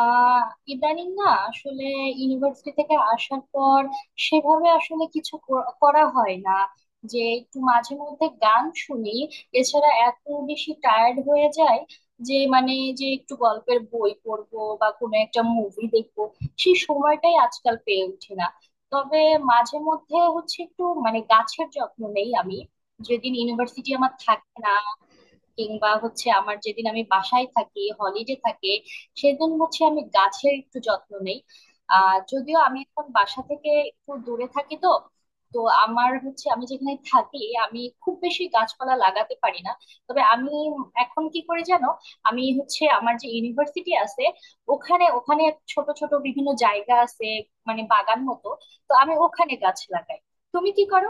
আহ ইদানিং না আসলে ইউনিভার্সিটি থেকে আসার পর সেভাবে আসলে কিছু করা হয় না, যে একটু মাঝে মধ্যে গান শুনি। এছাড়া এত বেশি টায়ার্ড হয়ে যায় যে যে একটু গল্পের বই পড়বো বা কোনো একটা মুভি দেখবো, সেই সময়টাই আজকাল পেয়ে ওঠে না। তবে মাঝে মধ্যে হচ্ছে একটু মানে গাছের যত্ন নেই আমি, যেদিন ইউনিভার্সিটি আমার থাকে না, কিংবা হচ্ছে আমার যেদিন আমি বাসায় থাকি হলিডে থাকে, সেদিন হচ্ছে আমি গাছের একটু যত্ন নেই। যদিও আমি এখন বাসা থেকে একটু দূরে থাকি, তো তো আমার হচ্ছে আমি যেখানে থাকি আমি খুব বেশি গাছপালা লাগাতে পারি না। তবে আমি এখন কি করে জানো, আমি হচ্ছে আমার যে ইউনিভার্সিটি আছে ওখানে ওখানে ছোট ছোট বিভিন্ন জায়গা আছে, মানে বাগান মতো। তো আমি ওখানে গাছ লাগাই। তুমি কি করো?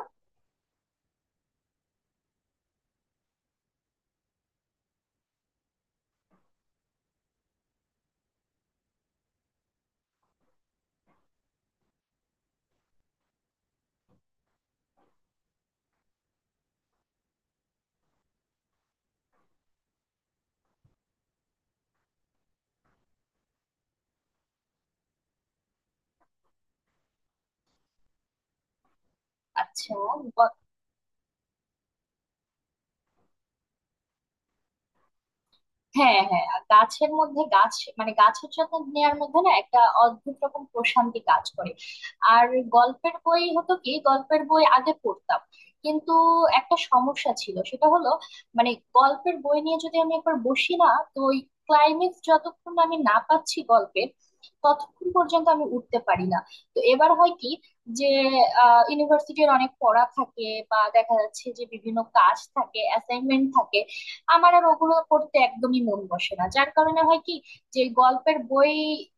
আচ্ছা। হ্যাঁ হ্যাঁ, আর গাছের মধ্যে গাছের যত্ন নেওয়ার মধ্যে না একটা অদ্ভুত রকম প্রশান্তি কাজ করে। আর গল্পের বই হতো কি গল্পের বই আগে পড়তাম, কিন্তু একটা সমস্যা ছিল, সেটা হলো মানে গল্পের বই নিয়ে যদি আমি একবার বসি না, তো ওই ক্লাইম্যাক্স যতক্ষণ আমি না পাচ্ছি গল্পের, ততক্ষণ পর্যন্ত আমি উঠতে পারি না। তো এবার হয় কি, যে ইউনিভার্সিটির অনেক পড়া থাকে বা দেখা যাচ্ছে যে বিভিন্ন কাজ থাকে, অ্যাসাইনমেন্ট থাকে, আমার আর ওগুলো পড়তে একদমই মন বসে না, যার কারণে হয় কি যে গল্পের বই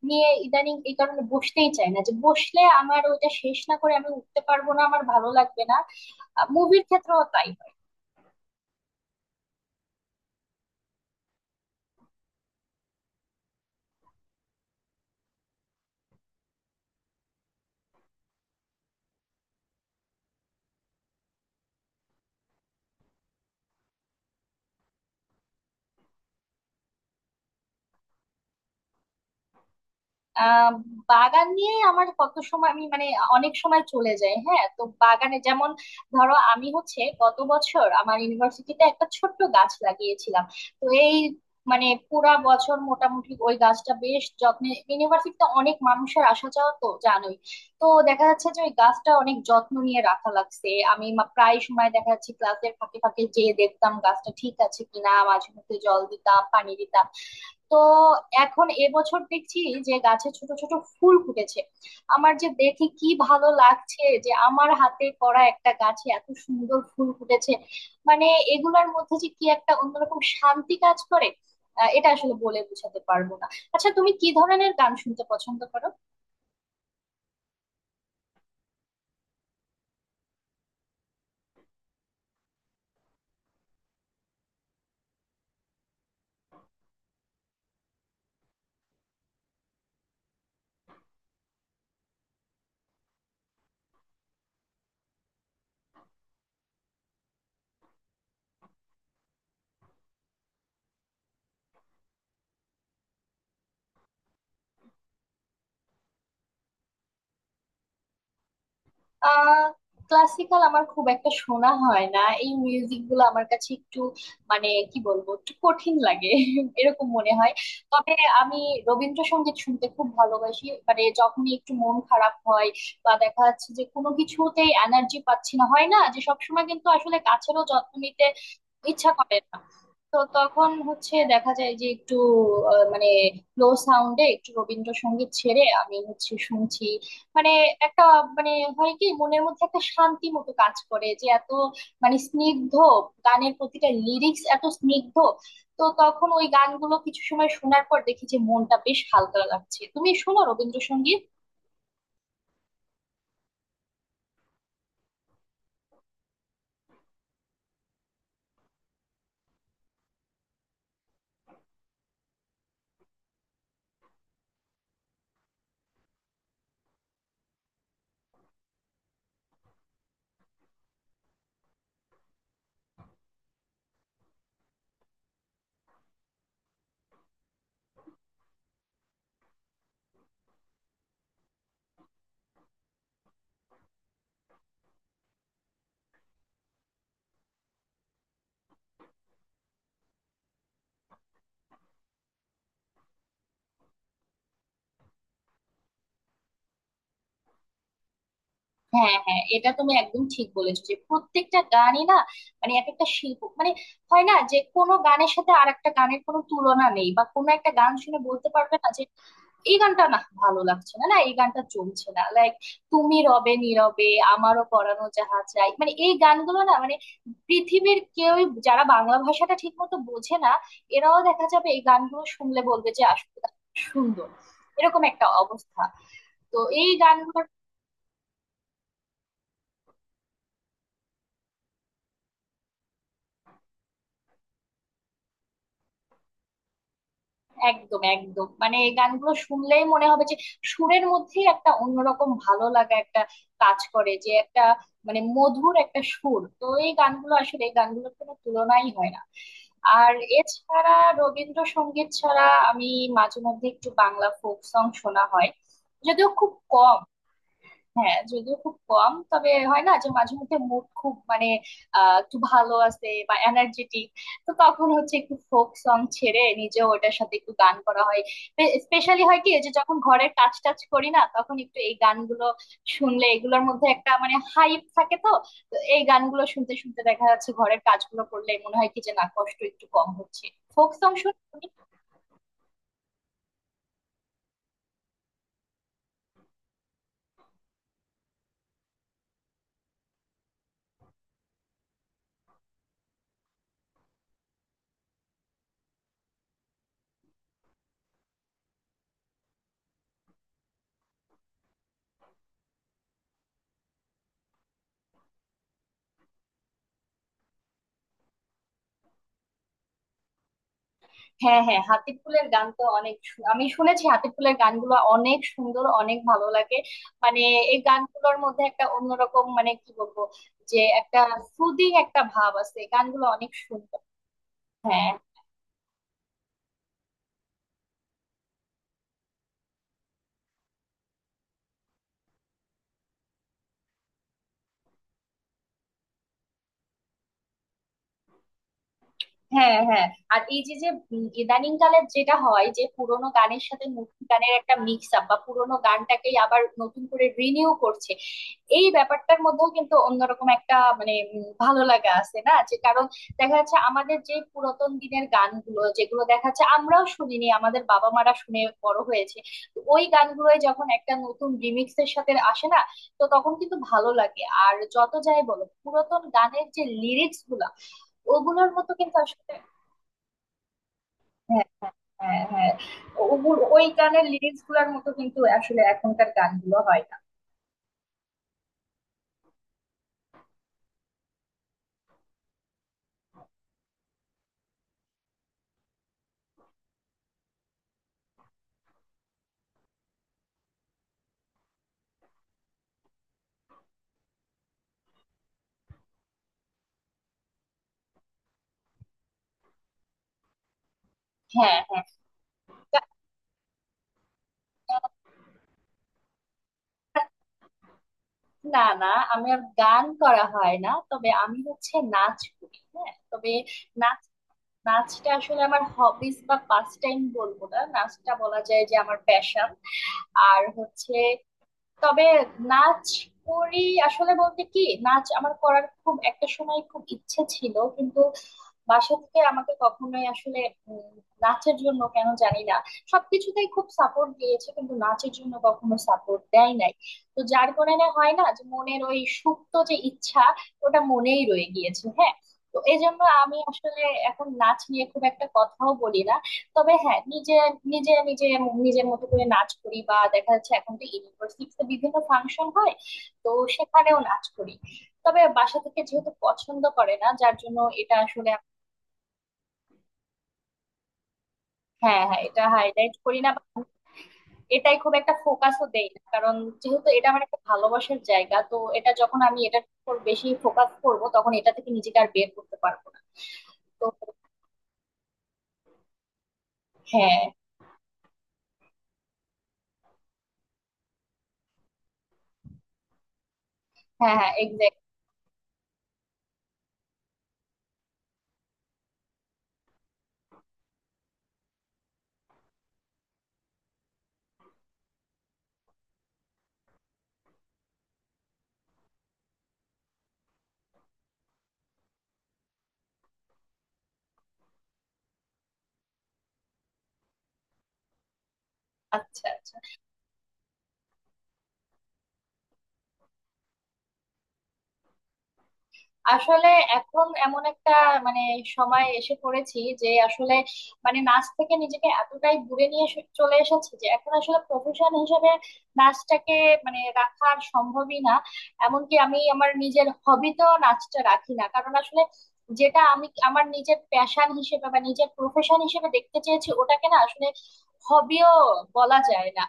নিয়ে ইদানিং এই কারণে বসতেই চাই না, যে বসলে আমার ওইটা শেষ না করে আমি উঠতে পারবো না, আমার ভালো লাগবে না। মুভির ক্ষেত্রেও তাই। আহ বাগান নিয়ে আমার কত সময়, আমি মানে অনেক সময় চলে যায়। হ্যাঁ, তো বাগানে যেমন ধরো, আমি হচ্ছে গত বছর আমার ইউনিভার্সিটিতে একটা ছোট্ট গাছ লাগিয়েছিলাম। তো এই মানে পুরা বছর মোটামুটি ওই গাছটা বেশ যত্নে, ইউনিভার্সিটিতে অনেক মানুষের আসা যাওয়া তো জানোই, তো দেখা যাচ্ছে যে ওই গাছটা অনেক যত্ন নিয়ে রাখা লাগছে। আমি প্রায় সময় দেখা যাচ্ছে ক্লাসের ফাঁকে ফাঁকে যেয়ে দেখতাম গাছটা ঠিক আছে কিনা, মাঝে মধ্যে জল দিতাম, পানি দিতাম। তো এখন এবছর দেখছি যে গাছে ছোট ছোট ফুল ফুটেছে। আমার যে দেখে কি ভালো লাগছে, যে আমার হাতে করা একটা গাছে এত সুন্দর ফুল ফুটেছে। মানে এগুলোর মধ্যে যে কি একটা অন্যরকম শান্তি কাজ করে, এটা আসলে বলে বোঝাতে পারবো না। আচ্ছা, তুমি কি ধরনের গান শুনতে পছন্দ করো? আহ ক্লাসিক্যাল আমার খুব একটা শোনা হয় না, এই মিউজিক গুলো আমার কাছে একটু কি বলবো, একটু কঠিন লাগে এরকম মনে হয়। তবে আমি রবীন্দ্রসঙ্গীত শুনতে খুব ভালোবাসি, মানে যখনই একটু মন খারাপ হয় বা দেখা যাচ্ছে যে কোনো কিছুতেই এনার্জি পাচ্ছি না, হয় না যে সবসময় কিন্তু আসলে গাছেরও যত্ন নিতে ইচ্ছা করে না, তো তখন হচ্ছে দেখা যায় যে একটু আহ, মানে লো সাউন্ডে একটু রবীন্দ্রসঙ্গীত ছেড়ে আমি হচ্ছে শুনছি। মানে একটা মানে হয় কি মনের মধ্যে একটা শান্তি মতো কাজ করে, যে এত স্নিগ্ধ, গানের প্রতিটা লিরিক্স এত স্নিগ্ধ। তো তখন ওই গানগুলো কিছু সময় শোনার পর দেখি যে মনটা বেশ হালকা লাগছে। তুমি শোনো রবীন্দ্রসঙ্গীত? হ্যাঁ হ্যাঁ, এটা তুমি একদম ঠিক বলেছো যে প্রত্যেকটা গানই না এক একটা শিল্প, মানে হয় না যে কোনো গানের সাথে আর একটা গানের কোনো তুলনা নেই, বা কোনো একটা গান শুনে বলতে পারবে না যে এই গানটা না ভালো লাগছে না, না এই গানটা চলছে না, লাইক তুমি রবে নীরবে, আমারও পরানো যাহা চাই, মানে এই গানগুলো না, মানে পৃথিবীর কেউই যারা বাংলা ভাষাটা ঠিক মতো বোঝে না, এরাও দেখা যাবে এই গানগুলো শুনলে বলবে যে আসলে সুন্দর, এরকম একটা অবস্থা। তো এই গানগুলোর একদম একদম, মানে এই গানগুলো শুনলেই মনে হবে যে সুরের মধ্যেই একটা অন্যরকম ভালো লাগা একটা কাজ করে, যে একটা মধুর একটা সুর। তো এই গানগুলো আসলে এই গানগুলোর কোনো তুলনাই হয় না। আর এছাড়া রবীন্দ্রসঙ্গীত ছাড়া আমি মাঝে মধ্যে একটু বাংলা ফোক সং শোনা হয়, যদিও খুব কম। হ্যাঁ, যদিও খুব কম, তবে হয় না যে মাঝে মধ্যে মুড খুব মানে আহ একটু ভালো আছে বা এনার্জেটিক, তো তখন হচ্ছে একটু ফোক সং ছেড়ে নিজেও ওটার সাথে একটু গান করা হয়। স্পেশালি হয় কি, যে যখন ঘরের কাজ টাজ করি না, তখন একটু এই গানগুলো শুনলে এগুলোর মধ্যে একটা মানে হাইপ থাকে, তো তো এই গানগুলো শুনতে শুনতে দেখা যাচ্ছে ঘরের কাজগুলো করলে মনে হয় কি যে না, কষ্ট একটু কম হচ্ছে। ফোক সং শুনি। হ্যাঁ হ্যাঁ, হাতিফ ফুলের গান তো অনেক আমি শুনেছি, হাতিফ ফুলের গানগুলো অনেক সুন্দর, অনেক ভালো লাগে। মানে এই গানগুলোর মধ্যে একটা অন্যরকম, মানে কি বলবো, যে একটা সুদিং একটা ভাব আছে, গানগুলো অনেক সুন্দর। হ্যাঁ হ্যাঁ হ্যাঁ আর এই যে যে উম ইদানিং কালের যেটা হয়, যে পুরোনো গানের সাথে নতুন গানের একটা মিক্স আপ বা পুরোনো গানটাকেই আবার নতুন করে রিনিউ করছে, এই ব্যাপারটার মধ্যেও কিন্তু অন্যরকম একটা মানে উম ভালো লাগা আছে না, যে কারণ দেখা যাচ্ছে আমাদের যে পুরাতন দিনের গানগুলো, যেগুলো দেখা যাচ্ছে আমরাও শুনিনি, আমাদের বাবা মারা শুনে বড় হয়েছে, তো ওই গানগুলোই যখন একটা নতুন রিমিক্স এর সাথে আসে না, তো তখন কিন্তু ভালো লাগে। আর যত যাই বলো পুরাতন গানের যে লিরিক্স গুলো ওগুলোর মতো কিন্তু আসলে, হ্যাঁ হ্যাঁ হ্যাঁ ওগুলো ওই গানের লিরিক্স গুলার মতো কিন্তু আসলে এখনকার গানগুলো হয় না। হ্যাঁ হ্যাঁ। গা- না না, আমি আর গান করা হয় না, তবে আমি হচ্ছে নাচ করি। হ্যাঁ, তবে নাচ, নাচটা আসলে আমার হবিস বা পাস টাইম বলবো না, নাচটা বলা যায় যে আমার প্যাশন। আর হচ্ছে তবে নাচ করি, আসলে বলতে কি নাচ আমার করার খুব একটা সময় খুব ইচ্ছে ছিল কিন্তু বাসা থেকে আমাকে কখনোই আসলে উম, নাচের জন্য, কেন জানি না সবকিছুতেই খুব সাপোর্ট দিয়েছে, কিন্তু নাচের জন্য কখনো সাপোর্ট দেয় নাই। তো যার কারণে হয় না যে মনের ওই সুপ্ত যে ইচ্ছা ওটা মনেই রয়ে গিয়েছে। হ্যাঁ, তো এই জন্য আমি আসলে এখন নাচ নিয়ে খুব একটা কথাও বলি না। তবে হ্যাঁ নিজে নিজে নিজে নিজের মতো করে নাচ করি, বা দেখা যাচ্ছে এখন তো ইউনিভার্সিটিতে বিভিন্ন ফাংশন হয় তো সেখানেও নাচ করি। তবে বাসা থেকে যেহেতু পছন্দ করে না, যার জন্য এটা আসলে হ্যাঁ হ্যাঁ, এটা হাইলাইট করি না বা এটাই খুব একটা ফোকাসও দেই না, কারণ যেহেতু এটা আমার একটা ভালোবাসার জায়গা, তো এটা যখন আমি এটার উপর বেশি ফোকাস করব, তখন এটা থেকে নিজেকে আর বের করতে পারবো না। তো হ্যাঁ হ্যাঁ হ্যাঁ এক্স্যাক্ট। আচ্ছা আচ্ছা। আসলে এখন এমন একটা মানে সময় এসে পড়েছি যে আসলে মানে নাচ থেকে নিজেকে এতটাই দূরে নিয়ে চলে এসেছি, যে এখন আসলে প্রফেশন হিসেবে নাচটাকে মানে রাখা আর সম্ভবই না। এমনকি আমি আমার নিজের হবিতেও নাচটা রাখি না, কারণ আসলে যেটা আমি আমার নিজের প্যাশন হিসেবে বা নিজের প্রফেশন হিসেবে দেখতে চেয়েছি, ওটাকে না আসলে হবিও বলা যায় না।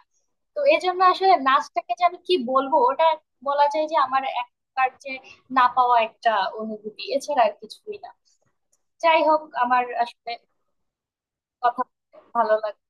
তো এই জন্য আসলে নাচটাকে যে আমি কি বলবো, ওটা বলা যায় যে আমার এক প্রকার যে না পাওয়া একটা অনুভূতি, এছাড়া আর কিছুই না। যাই হোক, আমার আসলে কথা বলতে ভালো লাগে।